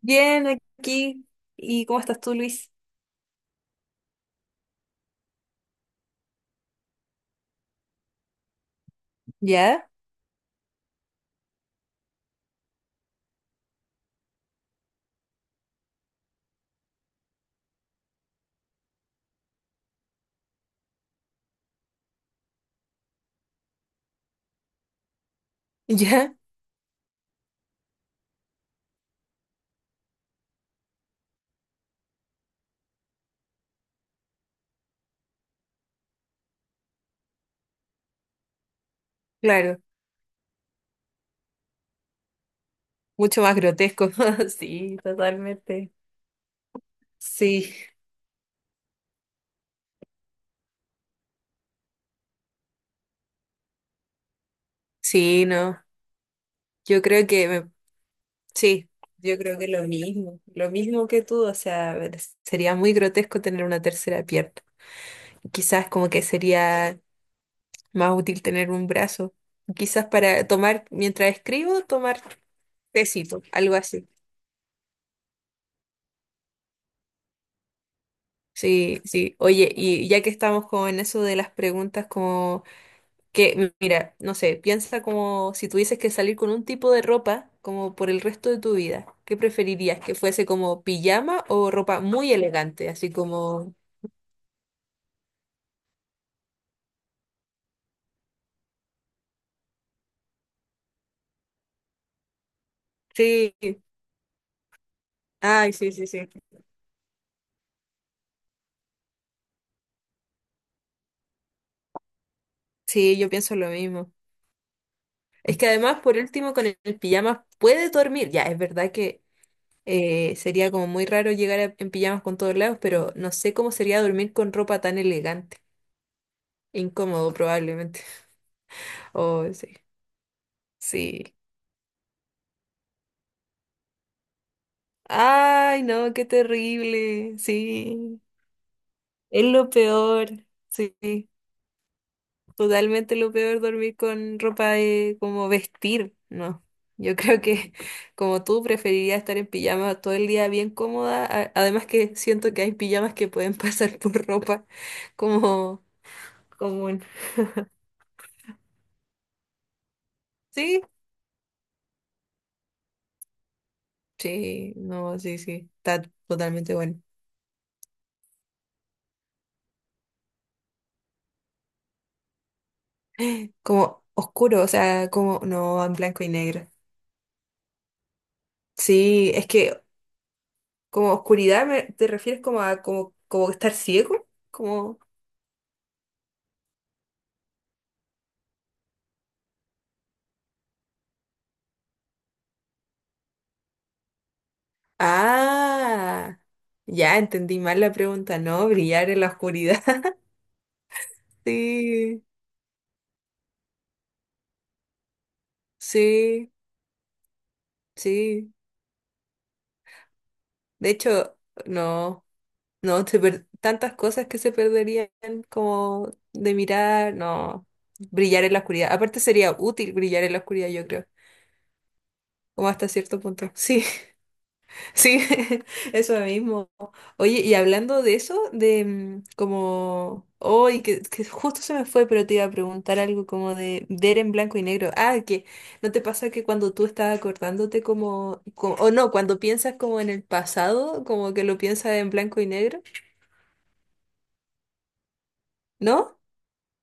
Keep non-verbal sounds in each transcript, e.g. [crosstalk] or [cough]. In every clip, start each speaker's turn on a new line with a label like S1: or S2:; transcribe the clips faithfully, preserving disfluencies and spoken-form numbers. S1: Bien, aquí. ¿Y cómo estás tú, Luis? ¿Ya? [laughs] ¿Ya? Claro. Mucho más grotesco. [laughs] Sí, totalmente. Sí, sí, no. Yo creo que me- sí, yo creo que lo mismo, lo mismo que tú, o sea, sería muy grotesco tener una tercera pierna. Quizás como que sería más útil tener un brazo. Quizás para tomar, mientras escribo, tomar tecito, algo así. Sí, sí. Oye, y ya que estamos como en eso de las preguntas como que, mira, no sé, piensa como si tuvieses que salir con un tipo de ropa como por el resto de tu vida. ¿Qué preferirías? ¿Que fuese como pijama o ropa muy elegante? Así como... Sí, ay, sí, sí, sí. Sí, yo pienso lo mismo. Es que además, por último, con el, el pijama puedes dormir. Ya, es verdad que eh, sería como muy raro llegar a- en pijamas con todos lados, pero no sé cómo sería dormir con ropa tan elegante. Incómodo, probablemente. [laughs] Oh, sí. Sí. Ay, no, qué terrible. Sí, es lo peor. Sí, totalmente lo peor dormir con ropa de como vestir. No, yo [laughs] creo que como tú preferiría estar en pijama todo el día bien cómoda. A- Además que siento que hay pijamas que pueden [laughs] pasar por ropa como común. Sí, sí, no, sí, sí, está totalmente bueno. Como oscuro, o sea, como no, en blanco y negro. Sí, es que como oscuridad, me- ¿te refieres como a como, como estar ciego? Como... Ah, ya entendí mal la pregunta, ¿no? Brillar en la oscuridad. [laughs] Sí, sí, sí. De hecho, no, no, se per- tantas cosas que se perderían como de mirar, no, brillar en la oscuridad. Aparte sería útil brillar en la oscuridad, yo creo, como hasta cierto punto. [laughs] Sí. Sí, [laughs] eso mismo. Oye, y hablando de eso, de mm, como, hoy que, que justo se me fue, pero te iba a preguntar algo como de ver en blanco y negro. Ah, que ¿no te pasa que cuando tú estás acordándote como, como o no, cuando piensas como en el pasado, como que lo piensas en blanco y negro, ¿no?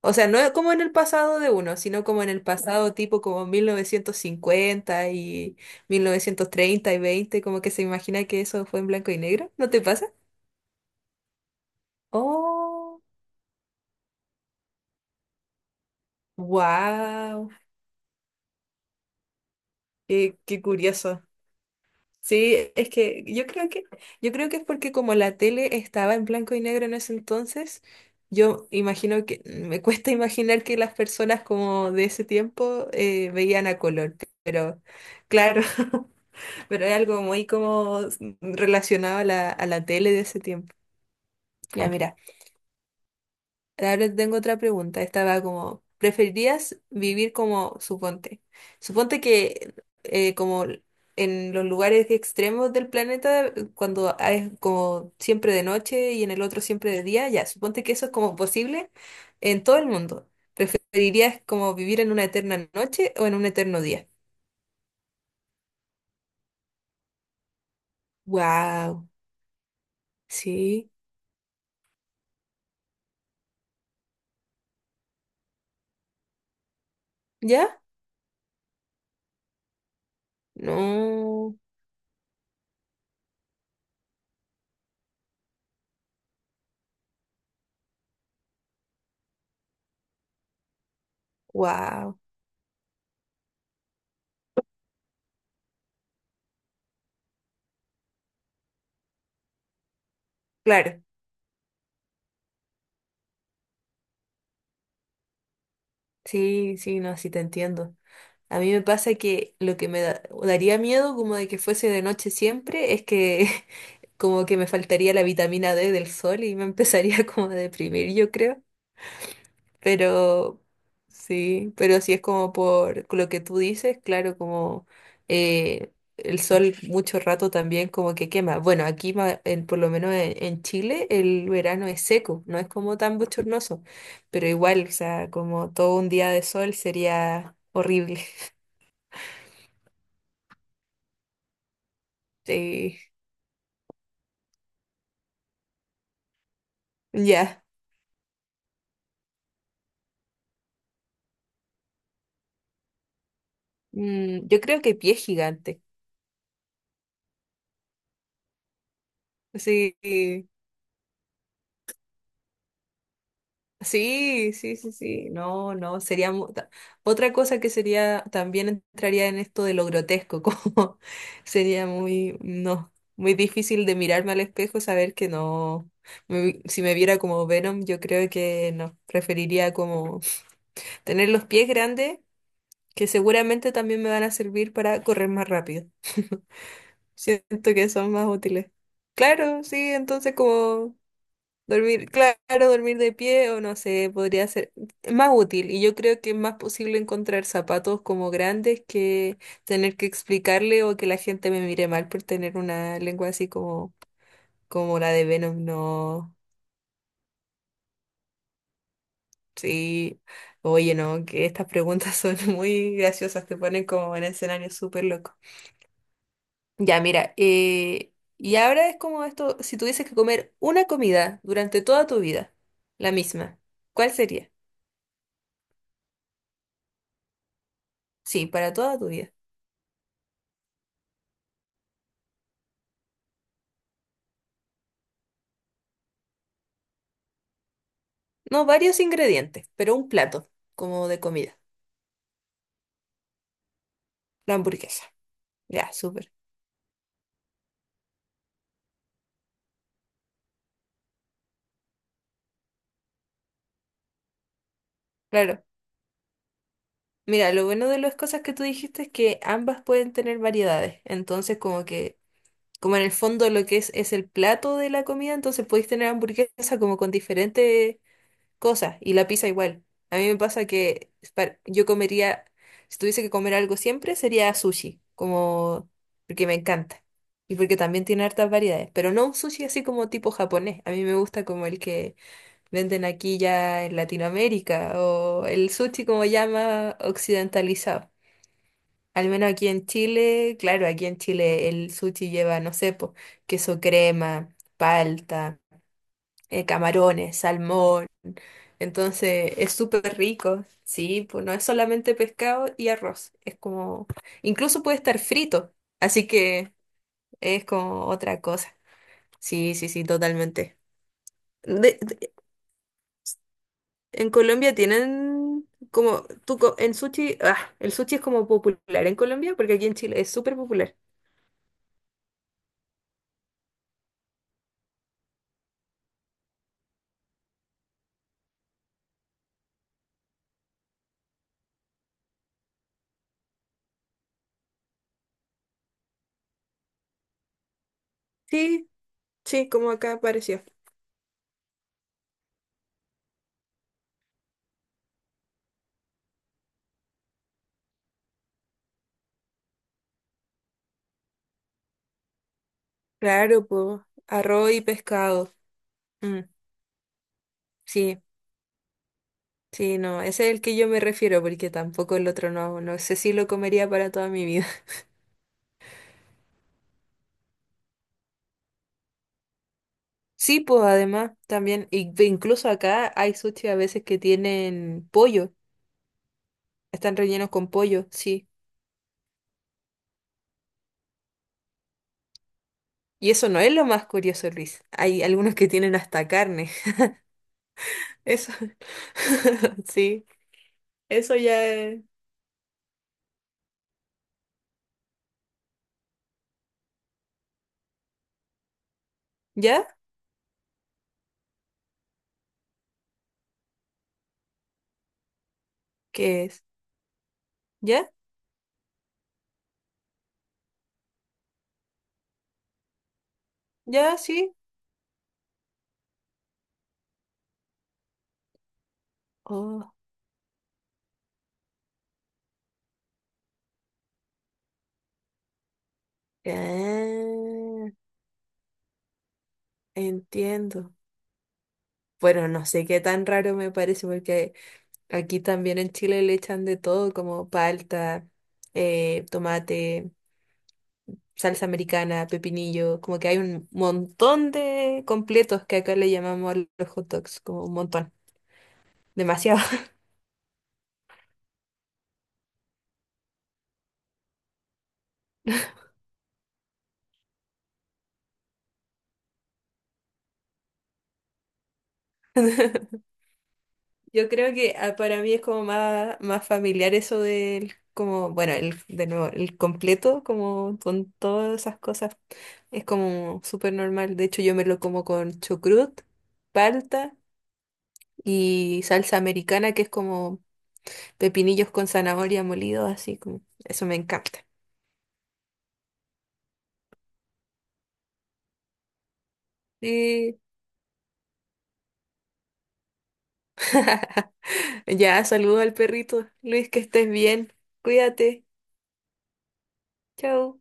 S1: O sea, no es como en el pasado de uno, sino como en el pasado tipo como mil novecientos cincuenta y mil novecientos treinta y veinte como que se imagina que eso fue en blanco y negro, ¿no te pasa? Oh, wow, qué, qué curioso. Sí, es que yo creo que yo creo que es porque como la tele estaba en blanco y negro en ese entonces, yo imagino que me cuesta [laughs] imaginar que las personas como de ese tiempo eh, veían a color, pero claro, [laughs] pero es algo muy como relacionado a la, a la tele de ese tiempo. Ya, mira. Ahora tengo otra pregunta. Estaba como, ¿preferirías vivir como, suponte, suponte que eh, como en los lugares extremos del planeta, cuando es como siempre de noche y en el otro siempre de día, ya, suponte que eso es como posible en todo el mundo. ¿Preferirías como vivir en una eterna noche o en un eterno día? Wow, sí, ¿ya? No, wow, claro, sí, sí, no, sí te entiendo. A mí me pasa que lo que me da- daría miedo como de que fuese de noche siempre es que [laughs] como que me faltaría la vitamina D del sol y me empezaría [laughs] como a deprimir, yo creo. Pero sí, pero si es como por lo que tú dices, claro, como eh, el sol mucho rato también como que quema. Bueno, aquí ma- en- por lo menos en, en Chile el verano es seco, no es como tan bochornoso, pero igual, o sea, como todo un día de sol sería horrible. [laughs] Sí. Ya. Mm, yo creo que pie gigante. Sí, sí, sí, sí, sí. No, no, sería mu- ta- otra cosa que sería, también entraría en esto de lo grotesco, [laughs] como sería muy, no, muy difícil de mirarme al espejo, saber que no, me vi- si me viera como Venom, yo creo que no, preferiría como tener los pies grandes, que seguramente también me van a servir para correr más rápido. Siento que son más útiles. Claro, sí, entonces como... Dormir, claro, dormir de pie o no sé, podría ser más útil y yo creo que es más posible encontrar zapatos como grandes que tener que explicarle o que la gente me mire mal por tener una lengua así como, como la de Venom. No, sí, oye, no, que estas preguntas son [laughs] muy graciosas, te ponen como en escenario súper loco. Ya, mira, eh, y ahora es como esto, si tuvieses que comer una comida durante toda tu vida, la misma, ¿cuál sería? Sí, para toda tu vida. No, varios ingredientes, pero un plato, como de comida. La hamburguesa. Ya, súper. Claro. Mira, lo bueno de las cosas que tú dijiste es que ambas pueden tener variedades. Entonces, como que, como en el fondo lo que es es el plato de la comida, entonces podéis tener hamburguesa como con diferentes cosas y la pizza igual. A mí me pasa que par- yo comería, si tuviese que comer algo siempre, sería sushi, como porque me encanta y porque también tiene hartas variedades, pero no un sushi así como tipo japonés. A mí me gusta como el que venden aquí ya en Latinoamérica o el sushi como llama occidentalizado. Al menos aquí en Chile, claro, aquí en Chile el sushi lleva, no sé, po, queso crema, palta eh, camarones, salmón. Entonces es súper rico, sí, pues no es solamente pescado y arroz, es como, incluso puede estar frito, así que es como otra cosa. Sí, sí, sí, totalmente. De- de- en Colombia tienen como, tú, co- en sushi, ah, el sushi es como popular en Colombia, porque aquí en Chile es súper popular. Sí, sí, como acá apareció. Claro, pues, arroz y pescado. Mm, sí, sí, no, ese es el que yo me refiero, porque tampoco el otro no, no sé si lo comería para toda mi vida. [laughs] Sí, pues además también, y- e incluso acá hay sushi a veces que tienen pollo, están rellenos con pollo, sí. Y eso no es lo más curioso, Luis. Hay algunos que tienen hasta carne. [laughs] Eso, [laughs] sí, eso ya es. ¿Ya? ¿Qué es? ¿Ya? ¿Ya? ¿Sí? Oh, ah, entiendo. Bueno, no sé qué tan raro me parece porque... Aquí también en Chile le echan de todo, como palta, eh, tomate, salsa americana, pepinillo, como que hay un montón de completos que acá le llamamos a los hot dogs, como un montón, demasiado. [laughs] Yo creo que ah, para mí es como más, más familiar eso del, como, bueno, el, de nuevo, el completo, como con todas esas cosas, es como súper normal. De hecho, yo me lo como con chucrut, palta y salsa americana, que es como pepinillos con zanahoria molidos, así como. Eso me encanta. Sí. Ya, saludo al perrito. Luis, que estés bien. Cuídate. Chao.